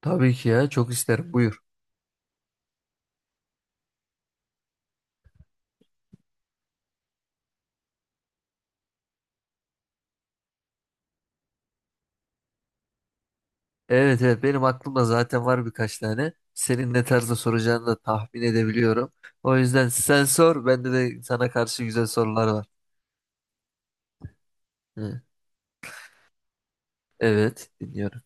Tabii ki ya çok isterim buyur. Evet evet benim aklımda zaten var birkaç tane. Senin ne tarzda soracağını da tahmin edebiliyorum. O yüzden sen sor bende de sana karşı güzel sorular var. Hı. Evet dinliyorum.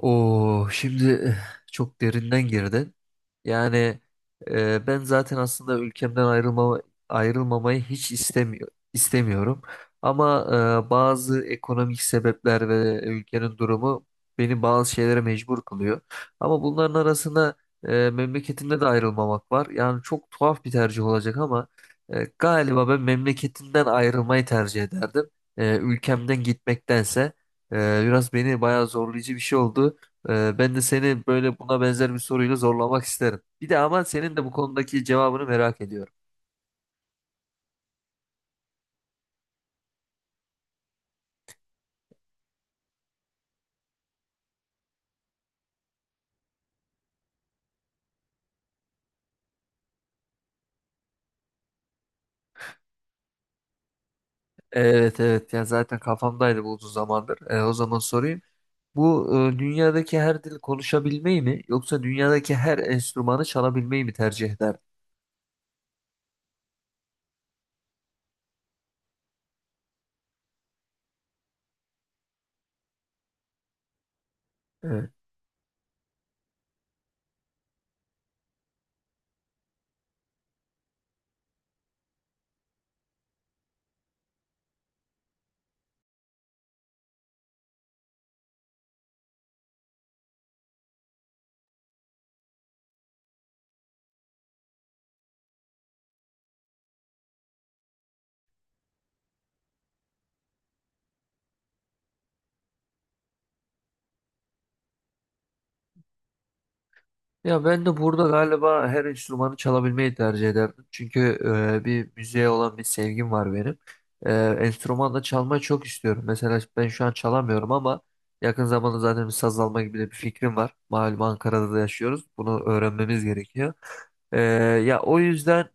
Oo, şimdi çok derinden girdin. Yani ben zaten aslında ayrılmamayı hiç istemiyorum. Ama bazı ekonomik sebepler ve ülkenin durumu beni bazı şeylere mecbur kılıyor. Ama bunların arasında memleketimde de ayrılmamak var. Yani çok tuhaf bir tercih olacak ama galiba ben memleketimden ayrılmayı tercih ederdim. E, ülkemden gitmektense. Biraz beni bayağı zorlayıcı bir şey oldu. Ben de seni böyle buna benzer bir soruyla zorlamak isterim. Bir de ama senin de bu konudaki cevabını merak ediyorum. Evet evet ya zaten kafamdaydı bu uzun zamandır. O zaman sorayım. Bu dünyadaki her dili konuşabilmeyi mi yoksa dünyadaki her enstrümanı çalabilmeyi mi tercih ederdin? Ya ben de burada galiba her enstrümanı çalabilmeyi tercih ederdim. Çünkü bir müziğe olan bir sevgim var benim. E, Enstrüman da çalmayı çok istiyorum. Mesela ben şu an çalamıyorum ama yakın zamanda zaten bir saz alma gibi de bir fikrim var. Malum Ankara'da da yaşıyoruz. Bunu öğrenmemiz gerekiyor. E, Ya o yüzden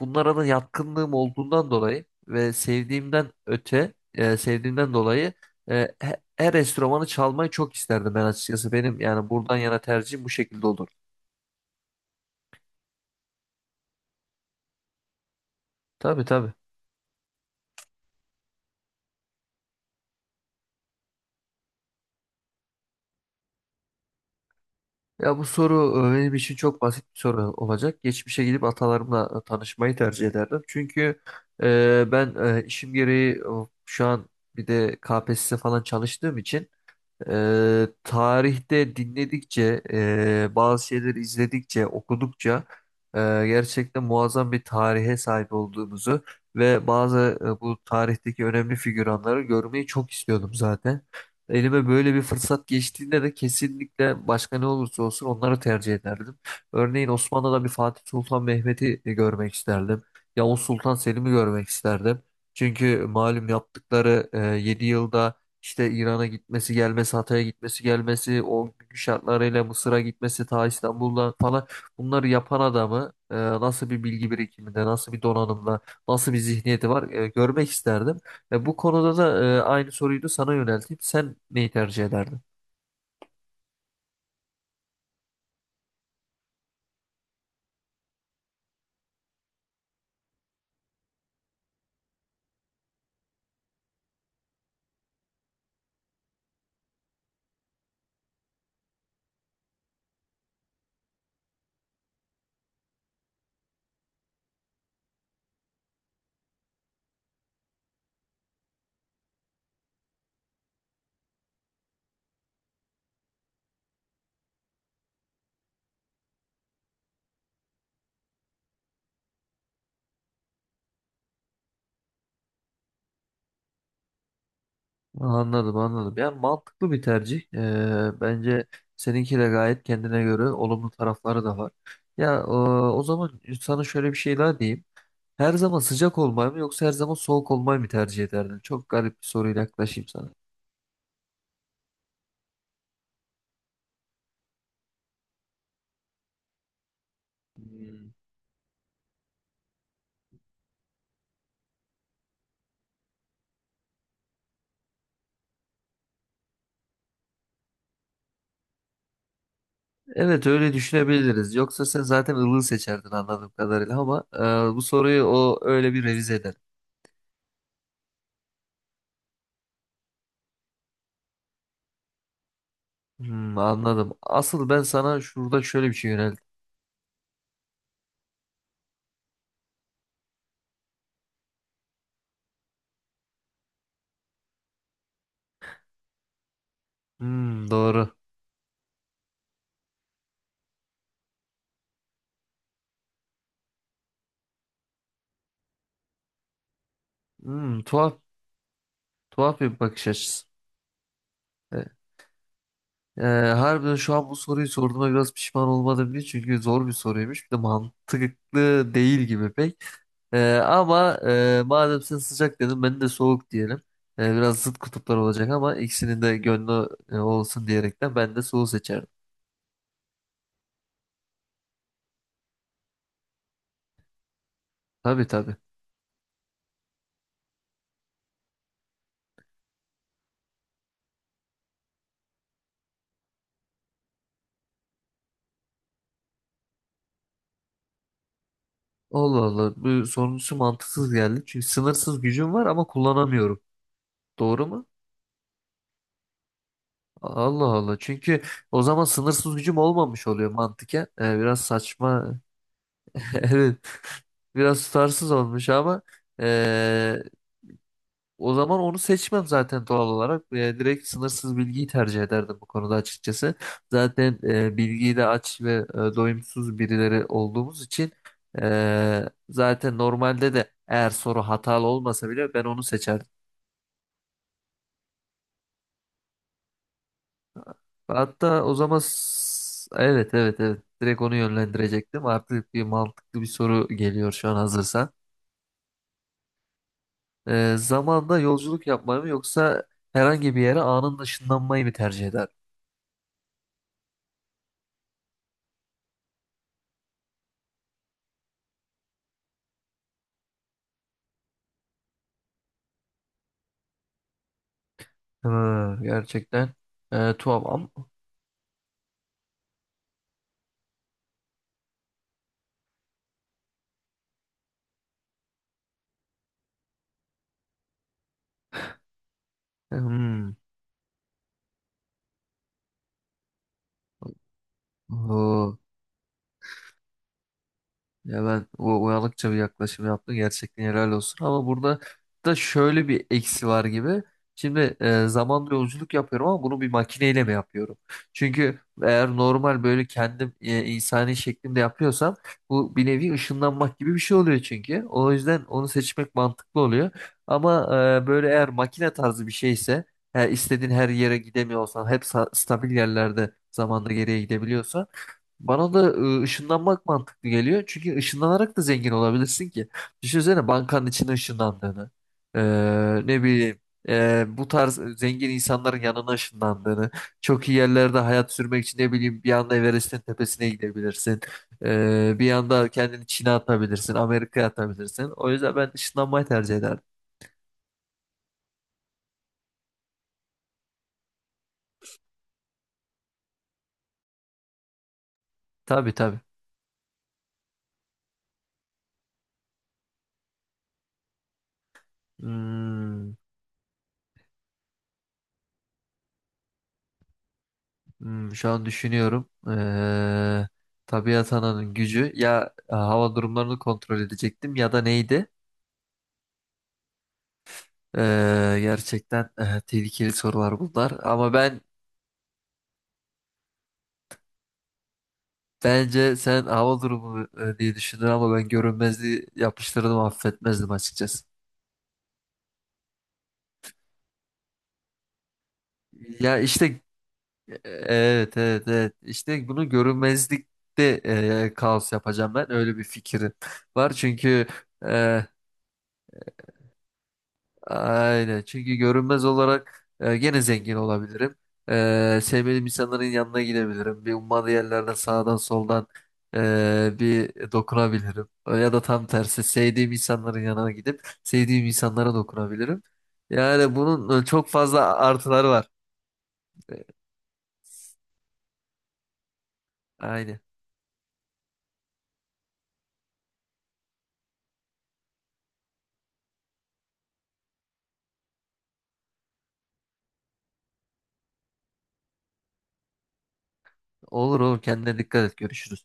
bunlara da yatkınlığım olduğundan dolayı ve sevdiğimden dolayı her enstrümanı çalmayı çok isterdim ben açıkçası. Benim yani buradan yana tercihim bu şekilde olurdu. Tabii tabii. Ya bu soru benim için çok basit bir soru olacak. Geçmişe gidip atalarımla tanışmayı tercih ederdim. Çünkü ben işim gereği şu an bir de KPSS falan çalıştığım için tarihte dinledikçe, bazı şeyleri okudukça, gerçekten muazzam bir tarihe sahip olduğumuzu ve bu tarihteki önemli figüranları görmeyi çok istiyordum zaten. Elime böyle bir fırsat geçtiğinde de kesinlikle başka ne olursa olsun onları tercih ederdim. Örneğin Osmanlı'da bir Fatih Sultan Mehmet'i görmek isterdim. Yavuz Sultan Selim'i görmek isterdim. Çünkü malum yaptıkları 7 yılda işte gelmesi, gelmesi, o günkü şartlarıyla Mısır'a gitmesi, ta İstanbul'dan falan bunları yapan adamı nasıl bir bilgi birikiminde, nasıl bir donanımda, nasıl bir zihniyeti var görmek isterdim. Ve bu konuda da aynı soruyu da sana yönelteyim. Sen neyi tercih ederdin? Anladım, anladım. Yani mantıklı bir tercih. Bence seninki de gayet kendine göre olumlu tarafları da var. Ya o zaman sana şöyle bir şey daha diyeyim. Her zaman sıcak olmayı mı yoksa her zaman soğuk olmayı mı tercih ederdin? Çok garip bir soruyla yaklaşayım sana. Evet öyle düşünebiliriz. Yoksa sen zaten ılığı seçerdin anladığım kadarıyla ama bu soruyu o öyle bir revize eder. Hmm, anladım. Asıl ben sana şurada şöyle bir şey yöneldim. Hmm, doğru. Hmm, tuhaf bir bakış açısı. E, Ee, Harbiden şu an bu soruyu sorduğuma biraz pişman olmadım değil çünkü zor bir soruymuş. Bir de mantıklı değil gibi pek. Ama madem sen sıcak dedin ben de soğuk diyelim. Biraz zıt kutuplar olacak ama ikisinin de gönlü olsun diyerekten ben de soğuğu seçerdim. Tabii tabii. Allah Allah bu sonuncusu mantıksız geldi. Çünkü sınırsız gücüm var ama kullanamıyorum. Doğru mu? Allah Allah. Çünkü o zaman sınırsız gücüm olmamış oluyor mantıken. Biraz saçma. Evet. Biraz tutarsız olmuş ama eee, o zaman onu seçmem zaten doğal olarak. Direkt sınırsız bilgiyi tercih ederdim bu konuda açıkçası. Zaten bilgiyi de aç ve doyumsuz birileri olduğumuz için zaten normalde de eğer soru hatalı olmasa bile ben onu seçerdim. Hatta o zaman evet evet evet direkt onu yönlendirecektim. Artık bir mantıklı bir soru geliyor şu an hazırsan. Zamanda yolculuk yapmayı mı yoksa herhangi bir yere anında ışınlanmayı mı tercih eder? Hı, gerçekten tuhaf ama. Hmm. Oo. Ya ben o uyanıkça bir yaklaşım yaptım. Gerçekten helal olsun. Ama burada da şöyle bir eksi var gibi. Şimdi zamanla yolculuk yapıyorum ama bunu bir makineyle mi yapıyorum? Çünkü eğer normal böyle kendim insani şeklimde yapıyorsam bu bir nevi ışınlanmak gibi bir şey oluyor çünkü. O yüzden onu seçmek mantıklı oluyor. Ama böyle eğer makine tarzı bir şeyse istediğin her yere gidemiyorsan hep stabil yerlerde zamanda geriye gidebiliyorsan bana da ışınlanmak mantıklı geliyor. Çünkü ışınlanarak da zengin olabilirsin ki. Düşünsene bankanın içine ışınlandığını. Ne bileyim. Bu tarz zengin insanların yanına ışınlandığını. Çok iyi yerlerde hayat sürmek için ne bileyim bir anda Everest'in tepesine gidebilirsin. Bir anda kendini Çin'e atabilirsin. Amerika'ya atabilirsin. O yüzden ben ışınlanmayı tercih ederdim. Tabii tabii. Hmm. Hmm, şu an düşünüyorum. Tabiat ananın gücü ya hava durumlarını kontrol edecektim ya da neydi? Gerçekten tehlikeli sorular bunlar. Ama ben bence sen hava durumu diye düşündün ama ben görünmezliği yapıştırdım affetmezdim açıkçası. Ya işte evet evet evet işte bunu görünmezlikte kaos yapacağım ben öyle bir fikrim var çünkü e, aynen. Çünkü görünmez olarak gene zengin olabilirim. Sevmediğim insanların yanına gidebilirim. Bir ummadığı yerlerden sağdan soldan bir dokunabilirim. Ya da tam tersi sevdiğim insanların yanına gidip sevdiğim insanlara dokunabilirim. Yani bunun çok fazla artıları var. E, Aynen. Olur olur kendine dikkat et. Görüşürüz.